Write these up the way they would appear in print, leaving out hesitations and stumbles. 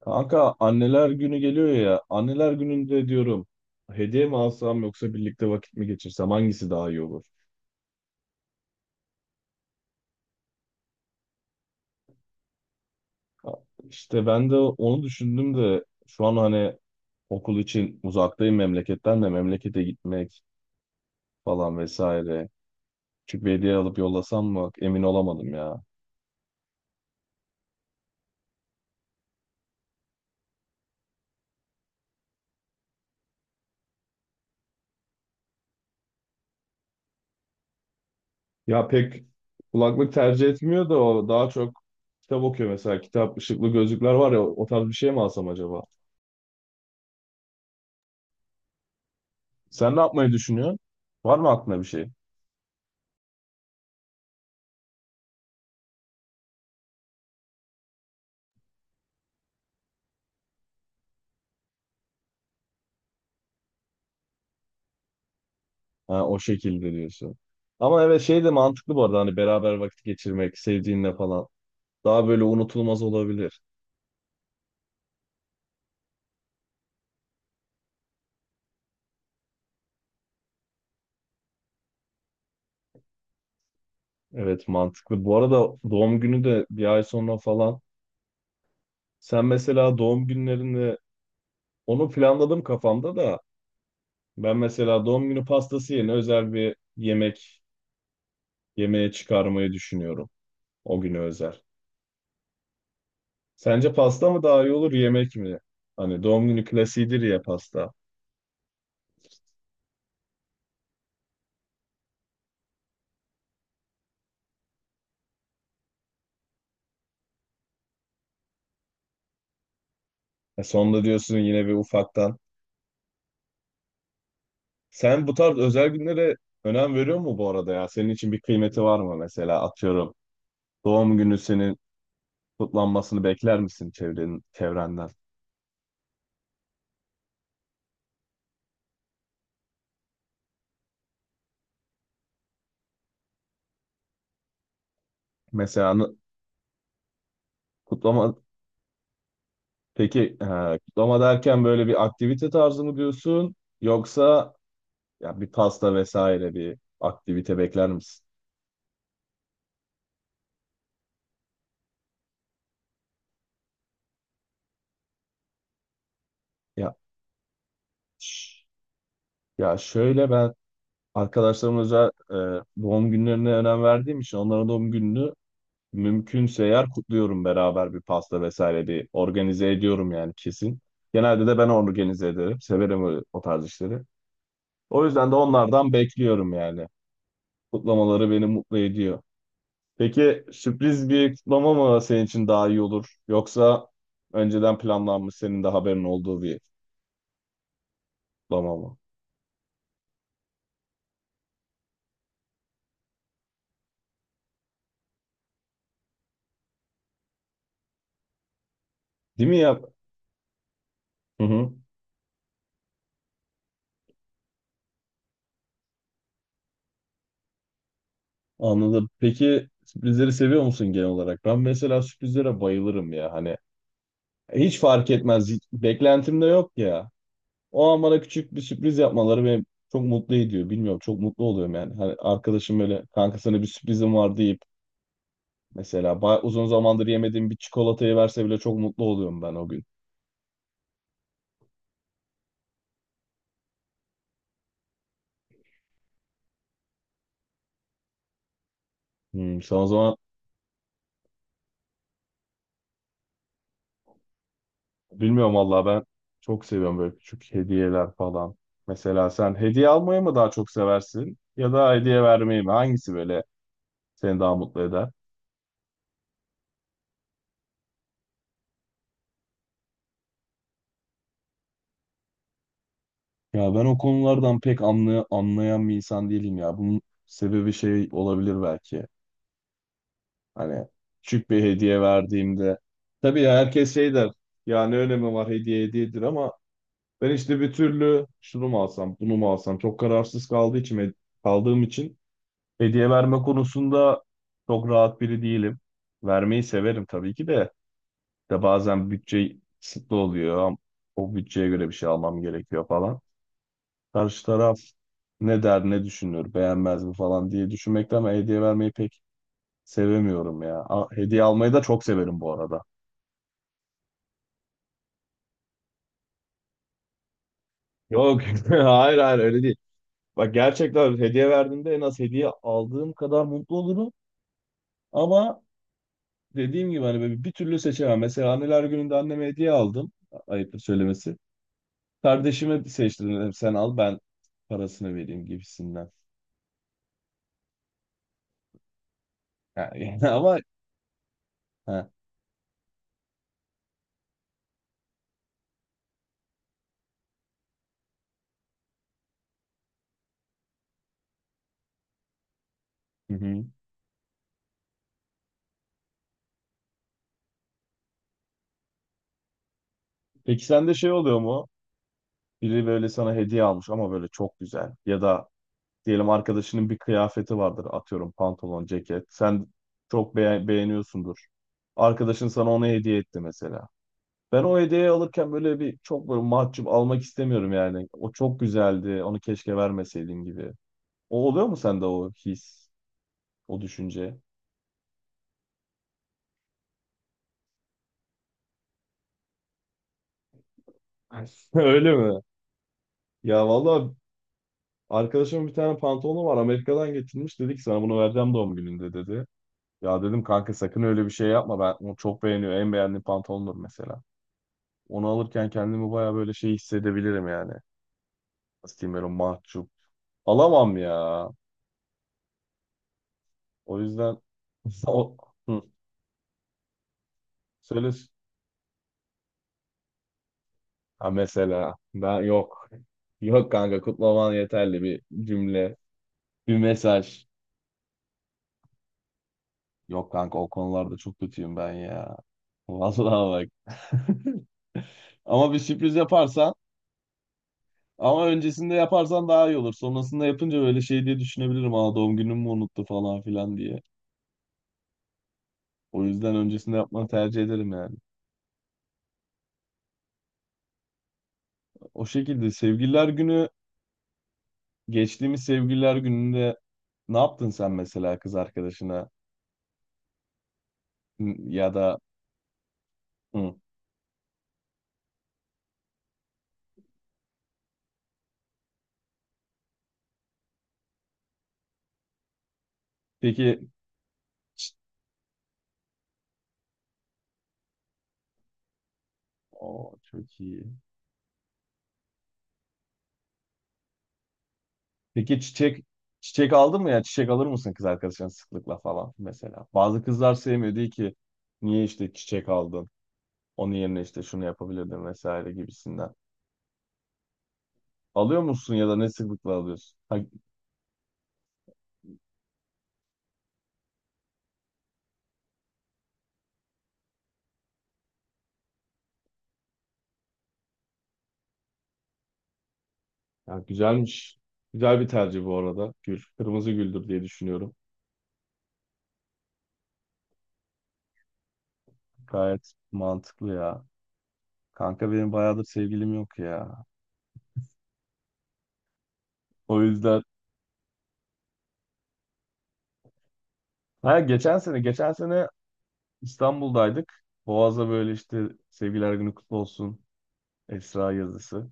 Kanka anneler günü geliyor ya. Anneler gününde diyorum hediye mi alsam yoksa birlikte vakit mi geçirsem hangisi daha iyi olur? Ha, İşte ben de onu düşündüm de şu an hani okul için uzaktayım memleketten de memlekete gitmek falan vesaire. Küçük bir hediye alıp yollasam mı emin olamadım ya. Ya pek kulaklık tercih etmiyor da o daha çok kitap okuyor mesela. Kitap, ışıklı gözlükler var ya o tarz bir şey mi alsam acaba? Sen ne yapmayı düşünüyorsun? Var mı aklına bir şey? Ha, o şekilde diyorsun. Ama evet şey de mantıklı bu arada hani beraber vakit geçirmek sevdiğinle falan. Daha böyle unutulmaz olabilir. Evet mantıklı. Bu arada doğum günü de bir ay sonra falan. Sen mesela doğum günlerini onu planladım kafamda da ben mesela doğum günü pastası yerine özel bir yemek yemeğe çıkarmayı düşünüyorum. O güne özel. Sence pasta mı daha iyi olur yemek mi? Hani doğum günü klasiğidir ya pasta. E sonunda diyorsun yine bir ufaktan. Sen bu tarz özel günlere önem veriyor mu bu arada ya? Senin için bir kıymeti var mı mesela atıyorum. Doğum günü senin kutlanmasını bekler misin çevrenin, çevrenden? Mesela kutlama. Peki, kutlama derken böyle bir aktivite tarzı mı diyorsun? Yoksa ya bir pasta vesaire bir aktivite bekler misin? Ya ş- ya şöyle ben arkadaşlarım özel doğum günlerine önem verdiğim için onların doğum gününü mümkünse eğer kutluyorum beraber bir pasta vesaire bir organize ediyorum yani kesin. Genelde de ben organize ederim. Severim o tarz işleri. O yüzden de onlardan bekliyorum yani. Kutlamaları beni mutlu ediyor. Peki sürpriz bir kutlama mı senin için daha iyi olur? Yoksa önceden planlanmış senin de haberin olduğu bir kutlama mı? Değil mi ya? Hı hı. Anladım. Peki sürprizleri seviyor musun genel olarak? Ben mesela sürprizlere bayılırım ya. Hani hiç fark etmez. Beklentim de yok ya. O an bana küçük bir sürpriz yapmaları beni çok mutlu ediyor. Bilmiyorum çok mutlu oluyorum yani. Hani arkadaşım böyle kanka sana bir sürprizim var deyip mesela uzun zamandır yemediğim bir çikolatayı verse bile çok mutlu oluyorum ben o gün. Hmm, sen o zaman bilmiyorum vallahi ben çok seviyorum böyle küçük hediyeler falan. Mesela sen hediye almayı mı daha çok seversin ya da hediye vermeyi mi? Hangisi böyle seni daha mutlu eder? Ya ben o konulardan pek anlayan bir insan değilim ya. Bunun sebebi şey olabilir belki. Hani küçük bir hediye verdiğimde. Tabii ya herkes şey der. Ya ne önemi var hediye hediyedir ama ben işte bir türlü şunu mu alsam bunu mu alsam çok kararsız kaldığım için hediye verme konusunda çok rahat biri değilim. Vermeyi severim tabii ki de. De bazen bütçe kısıtlı oluyor. O bütçeye göre bir şey almam gerekiyor falan. Karşı taraf ne der ne düşünür beğenmez mi falan diye düşünmekten ben hediye vermeyi pek sevemiyorum ya. Hediye almayı da çok severim bu arada. Yok hayır, hayır, öyle değil. Bak gerçekten hediye verdiğimde en az hediye aldığım kadar mutlu olurum. Ama dediğim gibi hani böyle bir türlü seçemem. Mesela anneler gününde anneme hediye aldım. Ayıptır söylemesi. Kardeşime seçtim dedim sen al ben parasını vereyim gibisinden. Ha, yani, ama ha. Hı hı. Peki sende şey oluyor mu? Biri böyle sana hediye almış ama böyle çok güzel. Ya da diyelim arkadaşının bir kıyafeti vardır atıyorum pantolon, ceket. Sen çok beğeniyorsundur. Arkadaşın sana onu hediye etti mesela. Ben o hediyeyi alırken böyle bir çok böyle mahcup almak istemiyorum yani. O çok güzeldi, onu keşke vermeseydin gibi. O oluyor mu sende o his, o düşünce? Öyle mi? Ya valla arkadaşımın bir tane pantolonu var, Amerika'dan getirmiş. Dedi ki sana bunu vereceğim doğum gününde dedi. Ya dedim kanka sakın öyle bir şey yapma, ben onu çok beğeniyor. En beğendiğim pantolondur mesela. Onu alırken kendimi baya böyle şey hissedebilirim yani. Nasıl diyeyim, böyle mahcup. Alamam ya. O yüzden o... Hı. Söyle. Ha, mesela ben yok. Yok kanka, kutlaman yeterli. Bir cümle, bir mesaj. Yok kanka, o konularda çok kötüyüm ben ya. Vallahi bak. Ama bir sürpriz yaparsan, ama öncesinde yaparsan daha iyi olur. Sonrasında yapınca böyle şey diye düşünebilirim. Aa, doğum günümü mü unuttu falan filan diye. O yüzden öncesinde yapmanı tercih ederim yani. O şekilde sevgililer günü geçtiğimiz sevgililer gününde ne yaptın sen mesela kız arkadaşına? Hı, ya da hı. Peki çi- Oo, çok iyi. Peki çiçek aldın mı, ya çiçek alır mısın kız arkadaşına sıklıkla falan mesela? Bazı kızlar sevmiyor, diyor ki niye işte çiçek aldın, onun yerine işte şunu yapabilirdin vesaire gibisinden. Alıyor musun ya da ne sıklıkla alıyorsun? Ha, ya güzelmiş. Güzel bir tercih bu arada. Gül. Kırmızı güldür diye düşünüyorum. Gayet mantıklı ya. Kanka benim bayağıdır sevgilim yok ya. O yüzden ha, geçen sene İstanbul'daydık. Boğaz'da böyle işte sevgiler günü kutlu olsun Esra yazısı.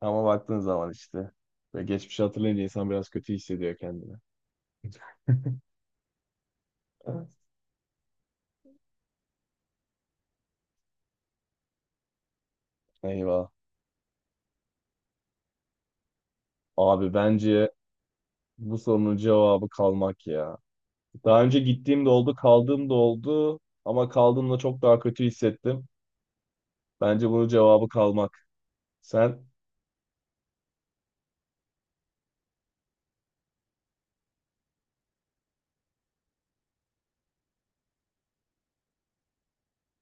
Ama baktığın zaman işte ve geçmişi hatırlayınca insan biraz kötü hissediyor kendini. Evet. Eyvah. Abi bence bu sorunun cevabı kalmak ya. Daha önce gittiğim de oldu, kaldığım da oldu, ama kaldığımda çok daha kötü hissettim. Bence bunun cevabı kalmak. Sen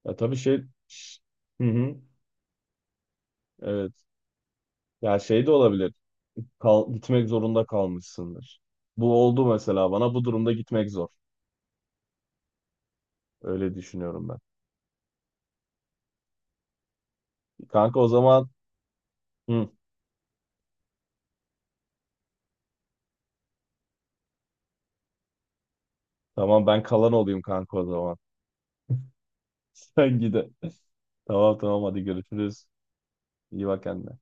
ya tabii şey Hı hı. Evet. Ya şey de olabilir. Gitmek zorunda kalmışsındır. Bu oldu mesela bana. Bu durumda gitmek zor. Öyle düşünüyorum ben. Kanka o zaman, hı, tamam, ben kalan olayım kanka o zaman. Sen gide. Tamam, tamam, hadi görüşürüz. İyi bak kendine.